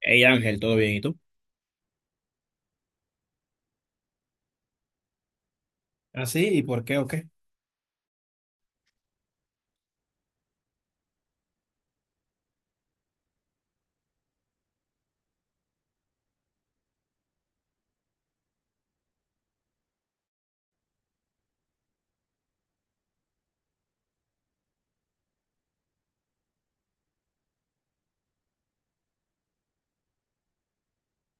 Hey Ángel, ¿todo bien? ¿Y tú? ¿Ah, sí? ¿Y por qué o qué?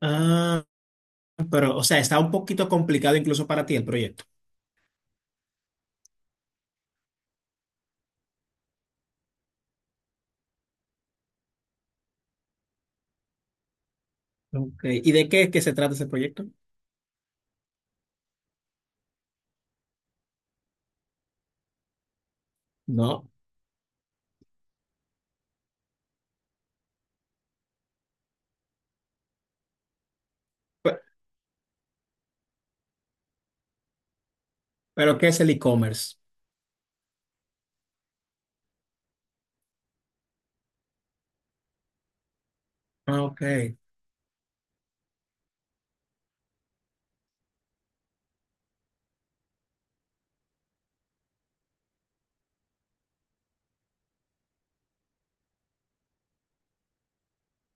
Ah, pero, o sea, está un poquito complicado incluso para ti el proyecto. Ok. ¿Y de qué es que se trata ese proyecto? No. Pe- ¿Pero qué es el e-commerce? Ah, ok.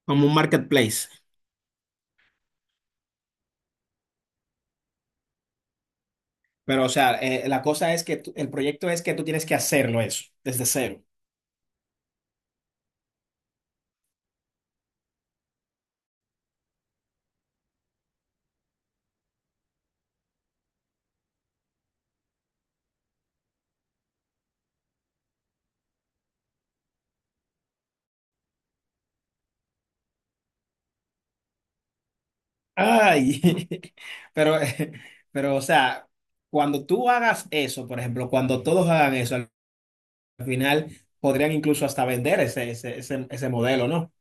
Como un marketplace. Pero, o sea, la cosa es que el proyecto es que tú tienes que hacerlo eso, desde cero. Ay, pero, eh, pero, o sea, cuando tú hagas eso, por ejemplo, cuando todos hagan eso, al final podrían incluso hasta vender ese modelo, ¿no?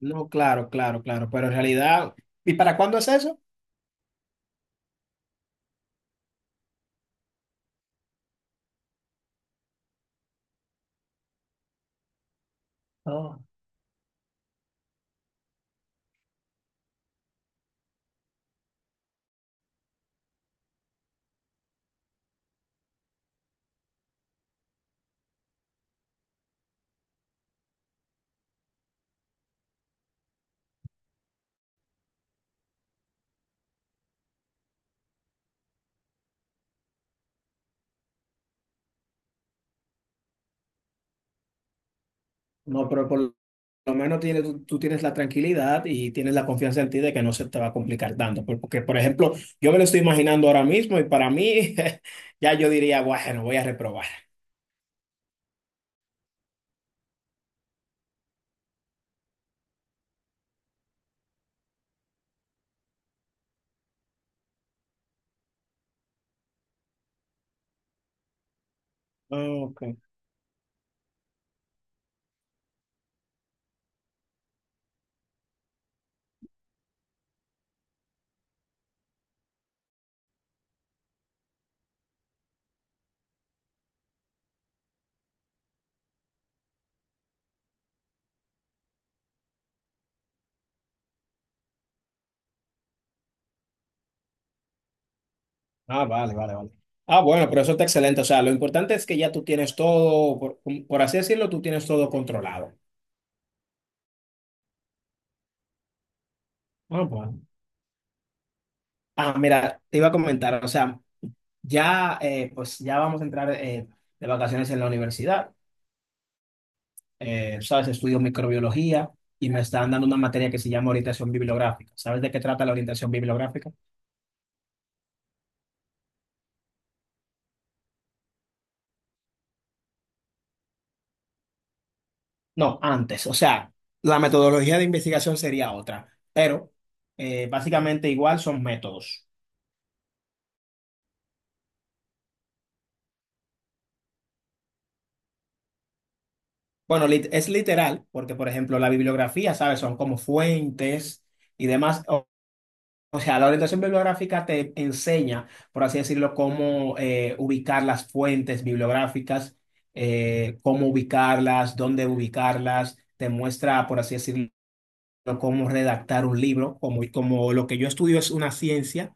No, claro, claro, claro, pero en realidad, ¿y para cuándo es eso? No, no, pero por lo menos tienes, tú tienes la tranquilidad y tienes la confianza en ti de que no se te va a complicar tanto, porque, por ejemplo, yo me lo estoy imaginando ahora mismo y para mí ya yo diría, bueno, voy a reprobar. Ok. Ah, vale, vale, vale. Ah, bueno, pero eso está excelente, o sea, lo importante es que ya tú tienes todo, por así decirlo, tú tienes todo controlado. Ah, bueno. Ah, mira, te iba a comentar, o sea, ya, pues ya vamos a entrar de vacaciones en la universidad. Sabes, estudio microbiología y me están dando una materia que se llama orientación bibliográfica. ¿Sabes de qué trata la orientación bibliográfica? No, antes. O sea, la metodología de investigación sería otra, pero básicamente igual son métodos. Bueno, es literal, porque por ejemplo la bibliografía, ¿sabes? Son como fuentes y demás. O sea, la orientación bibliográfica te enseña, por así decirlo, cómo ubicar las fuentes bibliográficas, cómo ubicarlas, dónde ubicarlas. Te muestra, por así decirlo, cómo redactar un libro. Como, como lo que yo estudio es una ciencia,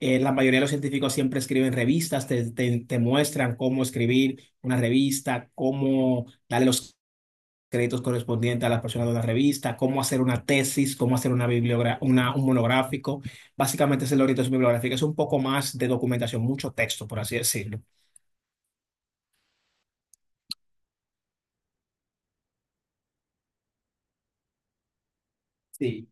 la mayoría de los científicos siempre escriben revistas, te muestran cómo escribir una revista, cómo darle los créditos correspondientes a las personas de la revista, cómo hacer una tesis, cómo hacer una, un monográfico. Básicamente es la orientación bibliográfica, es un poco más de documentación, mucho texto, por así decirlo. Sí.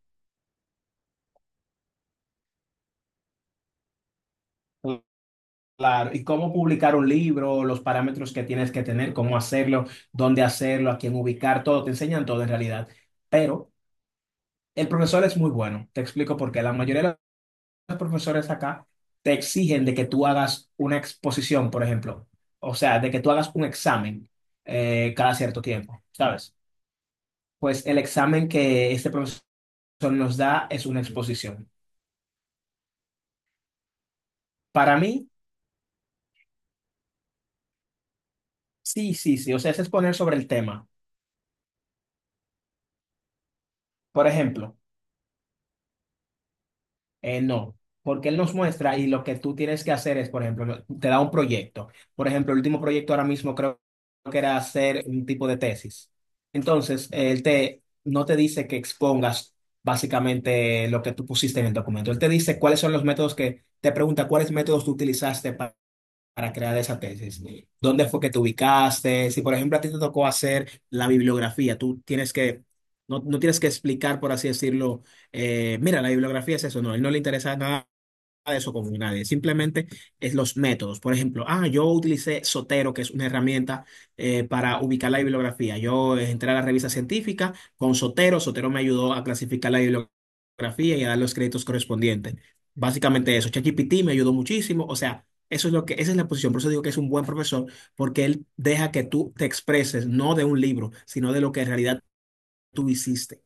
Claro, y cómo publicar un libro, los parámetros que tienes que tener, cómo hacerlo, dónde hacerlo, a quién ubicar, todo, te enseñan todo en realidad. Pero el profesor es muy bueno, te explico por qué. La mayoría de los profesores acá te exigen de que tú hagas una exposición, por ejemplo, o sea, de que tú hagas un examen cada cierto tiempo, ¿sabes? Pues el examen que este profesor nos da es una exposición. Para mí, sí, sí, sí, o sea, es exponer sobre el tema. Por ejemplo, eh, no, porque él nos muestra y lo que tú tienes que hacer es, por ejemplo, te da un proyecto. Por ejemplo, el último proyecto ahora mismo creo que era hacer un tipo de tesis. Entonces, él te, no te dice que expongas básicamente lo que tú pusiste en el documento. Él te dice cuáles son los métodos que, te pregunta cuáles métodos tú utilizaste para crear esa tesis. ¿Dónde fue que te ubicaste? Si, por ejemplo, a ti te tocó hacer la bibliografía, tú tienes que, no, no tienes que explicar, por así decirlo, mira, la bibliografía es eso, no, a él no le interesa nada de eso con nadie, simplemente es los métodos. Por ejemplo, ah, yo utilicé Sotero, que es una herramienta para ubicar la bibliografía. Yo entré a la revista científica con Sotero, Sotero me ayudó a clasificar la bibliografía y a dar los créditos correspondientes. Básicamente eso. ChatGPT me ayudó muchísimo, o sea, eso es lo que, esa es la posición. Por eso digo que es un buen profesor, porque él deja que tú te expreses, no de un libro, sino de lo que en realidad tú hiciste.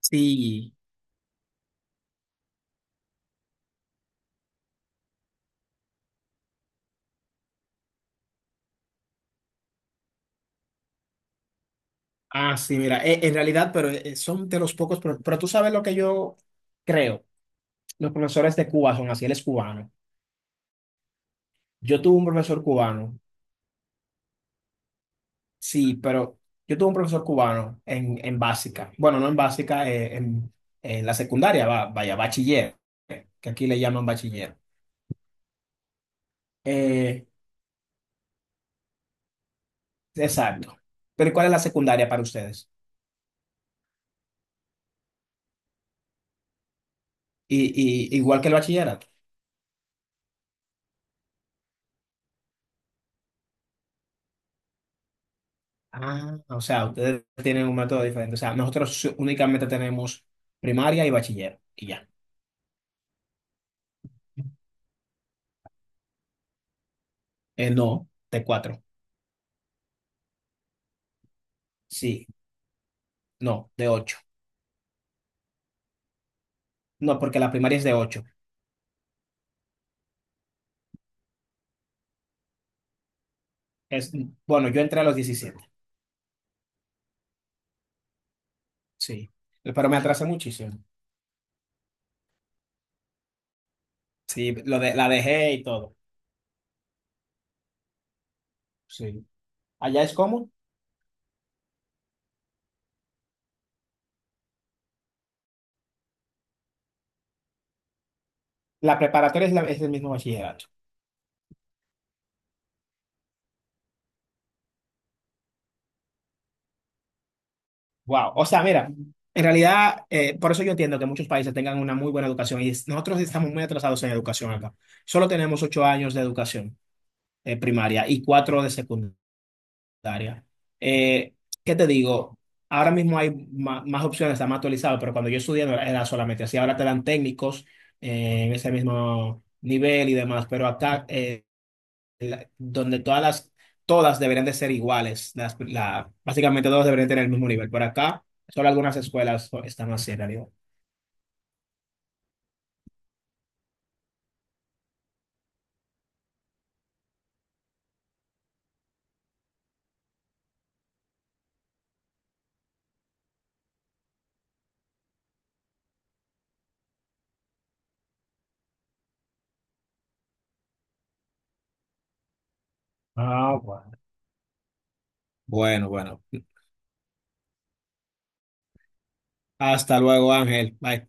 Sí. Ah, sí, mira, en realidad, pero son de los pocos, pero, tú sabes lo que yo creo, los profesores de Cuba son así, él es cubano. Yo tuve un profesor cubano, sí, pero yo tuve un profesor cubano en básica, bueno, no en básica, en la secundaria, vaya, bachiller, que aquí le llaman bachiller. Eh, exacto. Pero ¿cuál es la secundaria para ustedes? Y, igual que el bachillerato. Ah, o sea, ustedes tienen un método diferente, o sea, nosotros únicamente tenemos primaria y bachiller. Y ya. No, de cuatro. Sí, no, de ocho. No, porque la primaria es de ocho. Es, bueno, yo entré a los 17. Sí. Pero me atrasé muchísimo. Sí, lo de, la dejé y todo. Sí. Allá es como, la preparatoria es, es el mismo bachillerato. Wow. O sea, mira, en realidad, por eso yo entiendo que muchos países tengan una muy buena educación y nosotros estamos muy atrasados en educación acá. Solo tenemos ocho años de educación primaria y cuatro de secundaria. Área. Eh, ¿Qué te digo? Ahora mismo hay más, opciones, está más actualizado, pero cuando yo estudié no era solamente así. Ahora te dan técnicos en ese mismo nivel y demás, pero acá, donde todas las, todas deberían de ser iguales, las, la, básicamente todas deberían tener el mismo nivel. Por acá, solo algunas escuelas están así en realidad. Ah, bueno. Bueno, bueno. Hasta luego, Ángel. Bye.